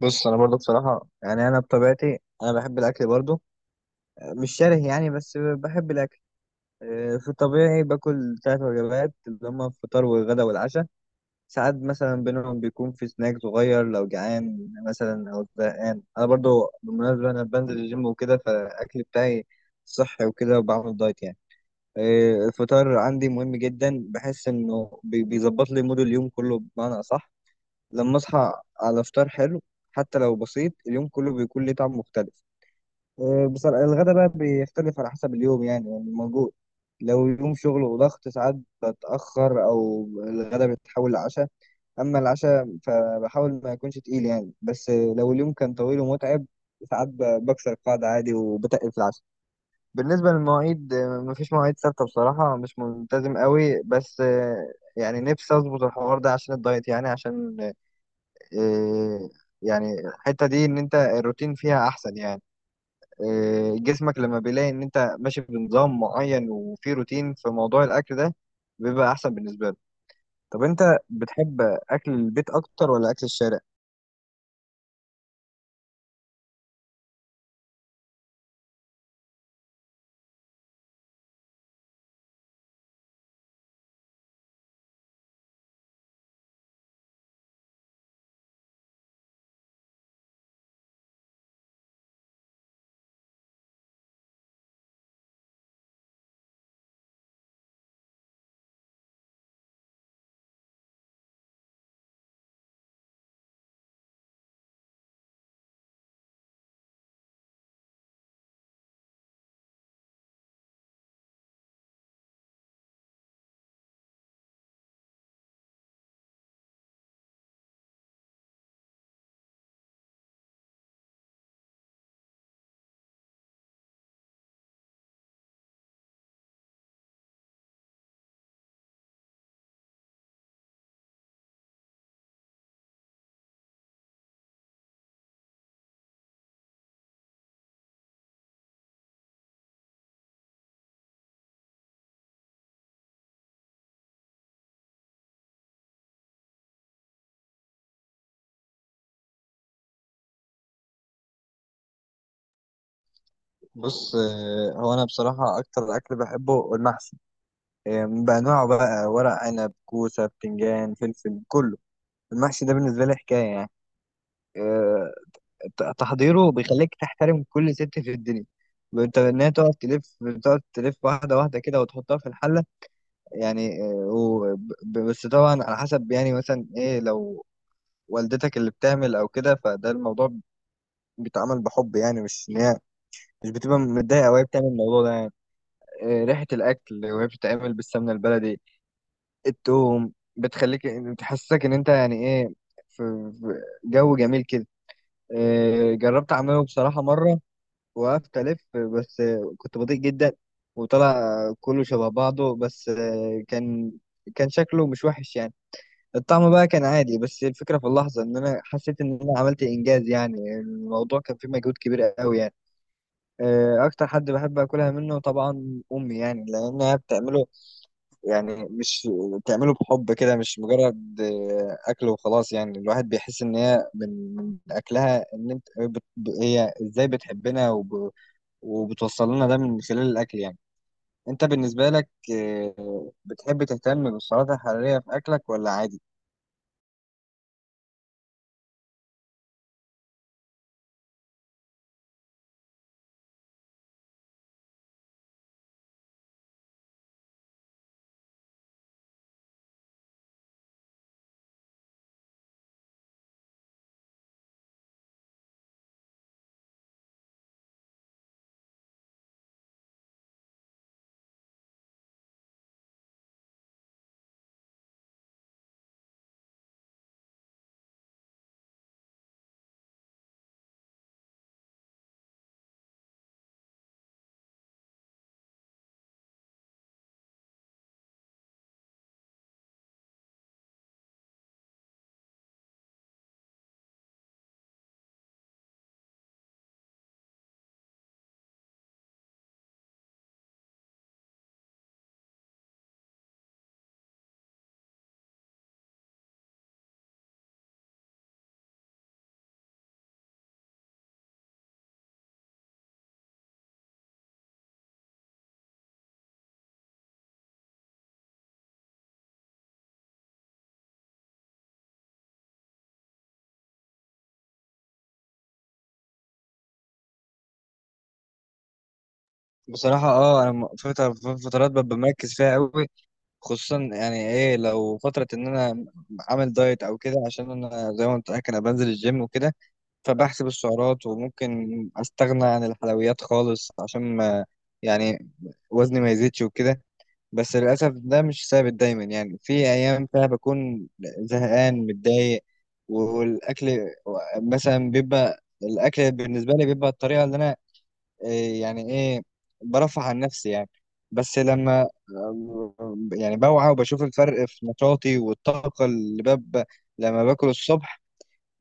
بص، انا برضو بصراحه يعني انا بطبيعتي انا بحب الاكل برضو، مش شره يعني بس بحب الاكل. في الطبيعي باكل 3 وجبات اللي هما الفطار والغدا والعشاء. ساعات مثلا بينهم بيكون في سناك صغير لو جعان مثلا او زهقان. انا برضو بالمناسبه انا بنزل الجيم وكده، فالاكل بتاعي صحي وكده وبعمل دايت يعني. الفطار عندي مهم جدا، بحس انه بيظبط لي مود اليوم كله، بمعنى اصح لما اصحى على فطار حلو، حتى لو بسيط، اليوم كله بيكون ليه طعم مختلف. بصراحة الغدا بقى بيختلف على حسب اليوم، يعني موجود لو يوم شغل وضغط، ساعات بتأخر أو الغدا بيتحول لعشاء. أما العشاء فبحاول ما يكونش تقيل يعني، بس لو اليوم كان طويل ومتعب، ساعات بكسر القاعدة عادي وبتقل في العشاء. بالنسبة للمواعيد مفيش مواعيد ثابتة بصراحة، مش ملتزم قوي، بس يعني نفسي أظبط الحوار ده عشان الدايت يعني، عشان إيه، يعني الحتة دي ان انت الروتين فيها احسن يعني، إيه جسمك لما بيلاقي ان انت ماشي بنظام معين وفي روتين في موضوع الاكل ده، بيبقى احسن بالنسبة له. طب انت بتحب اكل البيت اكتر ولا اكل الشارع؟ بص، إيه هو، انا بصراحة اكتر اكل بحبه المحشي، إيه، بانواعه بقى، ورق عنب، كوسة، بتنجان، فلفل، كله. المحشي ده بالنسبة لي حكاية يعني، تحضيره بيخليك تحترم كل ست في الدنيا، انت انها تقعد تلف، بتقعد تلف واحده واحده كده وتحطها في الحله يعني. بس طبعا على حسب يعني، مثلا ايه لو والدتك اللي بتعمل او كده، فده الموضوع بيتعمل بحب يعني، مش ان هي مش بتبقى متضايقه وهي بتعمل الموضوع ده يعني. ريحه الاكل وهي بتتعمل بالسمنه البلدي، التوم، بتخليك بتحسسك ان انت يعني ايه، في جو جميل كده. جربت اعمله بصراحه مره، وقفت ألف، بس كنت بطيء جدا، وطلع كله شبه بعضه، بس كان، كان شكله مش وحش يعني. الطعم بقى كان عادي، بس الفكرة في اللحظة إن أنا حسيت إن أنا عملت إنجاز يعني، الموضوع كان فيه مجهود كبير قوي يعني. أكتر حد بحب أكلها منه طبعا أمي، يعني لأنها بتعمله، يعني مش بتعمله بحب كده، مش مجرد أكل وخلاص يعني. الواحد بيحس إن هي من أكلها إن أنت بت- هي إزاي بتحبنا وبتوصل لنا ده من خلال الأكل يعني. أنت بالنسبة لك بتحب تهتم بالسعرات الحرارية في أكلك ولا عادي؟ بصراحة اه، انا في فترات ببقى مركز فيها قوي، خصوصا يعني ايه لو فترة ان انا عامل دايت او كده، عشان انا زي ما قلت لك انا بنزل الجيم وكده، فبحسب السعرات، وممكن استغنى عن الحلويات خالص عشان ما، يعني وزني ما يزيدش وكده. بس للأسف ده مش ثابت دايما، يعني في أيام فيها بكون زهقان متضايق والأكل مثلا بيبقى، الأكل بالنسبة لي بيبقى الطريقة اللي أنا، إيه، يعني إيه، برفع عن نفسي يعني. بس لما يعني بوعى وبشوف الفرق في نشاطي والطاقة اللي ببقى لما باكل الصبح،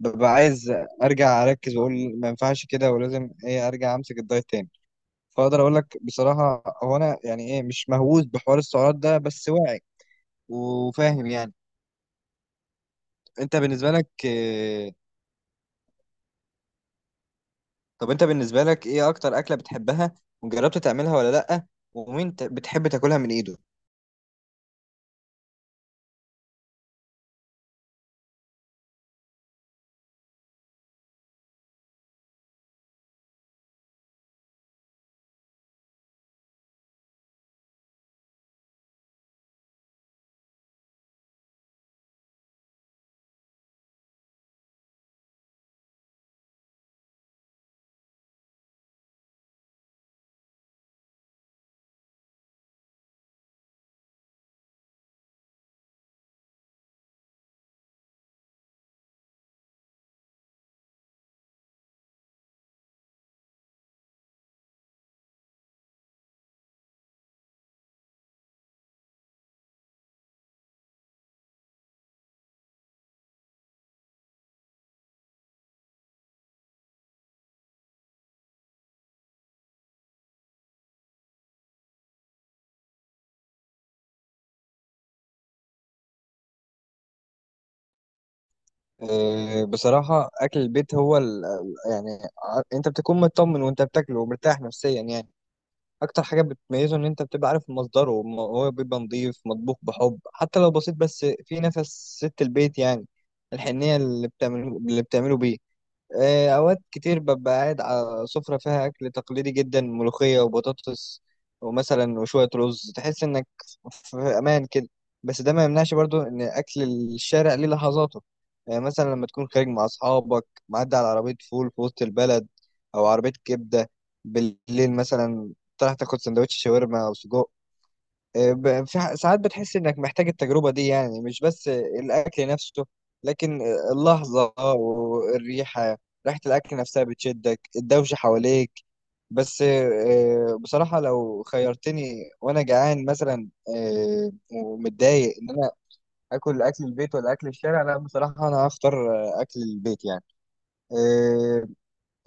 ببقى عايز أرجع أركز وأقول ما ينفعش كده، ولازم إيه أرجع أمسك الدايت تاني. فأقدر أقول لك بصراحة هو أنا يعني إيه مش مهووس بحوار السعرات ده، بس واعي وفاهم يعني. انت بالنسبه لك آه، طب انت بالنسبه لك ايه اكتر اكله بتحبها؟ وجربت تعملها ولا لا؟ ومين بتحب تاكلها من ايده؟ بصراحه اكل البيت هو ال... يعني انت بتكون مطمن وانت بتاكله، ومرتاح نفسيا يعني. اكتر حاجه بتميزه ان انت بتبقى عارف مصدره، وم- هو بيبقى نظيف، مطبوخ بحب حتى لو بسيط، بس في نفس ست البيت يعني، الحنيه اللي اللي بتعمله بيه. أوقات كتير ببقى قاعد على سفرة فيها أكل تقليدي جدا، ملوخية وبطاطس ومثلا وشوية رز، تحس إنك في أمان كده. بس ده ما يمنعش برضو إن أكل الشارع ليه لحظاته، يعني مثلا لما تكون خارج مع أصحابك، معدي على عربية فول في وسط البلد، أو عربية كبدة بالليل مثلا، تروح تاخد سندوتش شاورما أو سجق. ساعات بتحس انك محتاج التجربة دي يعني، مش بس الاكل نفسه، لكن اللحظة والريحة، ريحة الاكل نفسها بتشدك، الدوشة حواليك. بس بصراحة لو خيرتني وانا جعان مثلا، ومتضايق، ان انا اكل اكل البيت ولا اكل الشارع، لا بصراحة انا هختار اكل البيت يعني.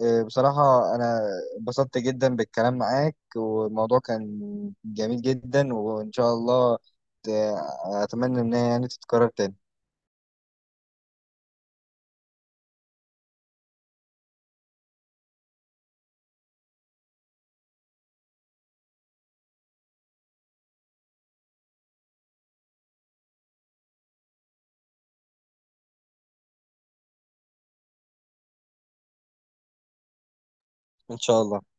بصراحة أنا انبسطت جدا بالكلام معاك، والموضوع كان جميل جدا، وإن شاء الله، ت- أتمنى إن هي يعني تتكرر تاني. إن شاء الله.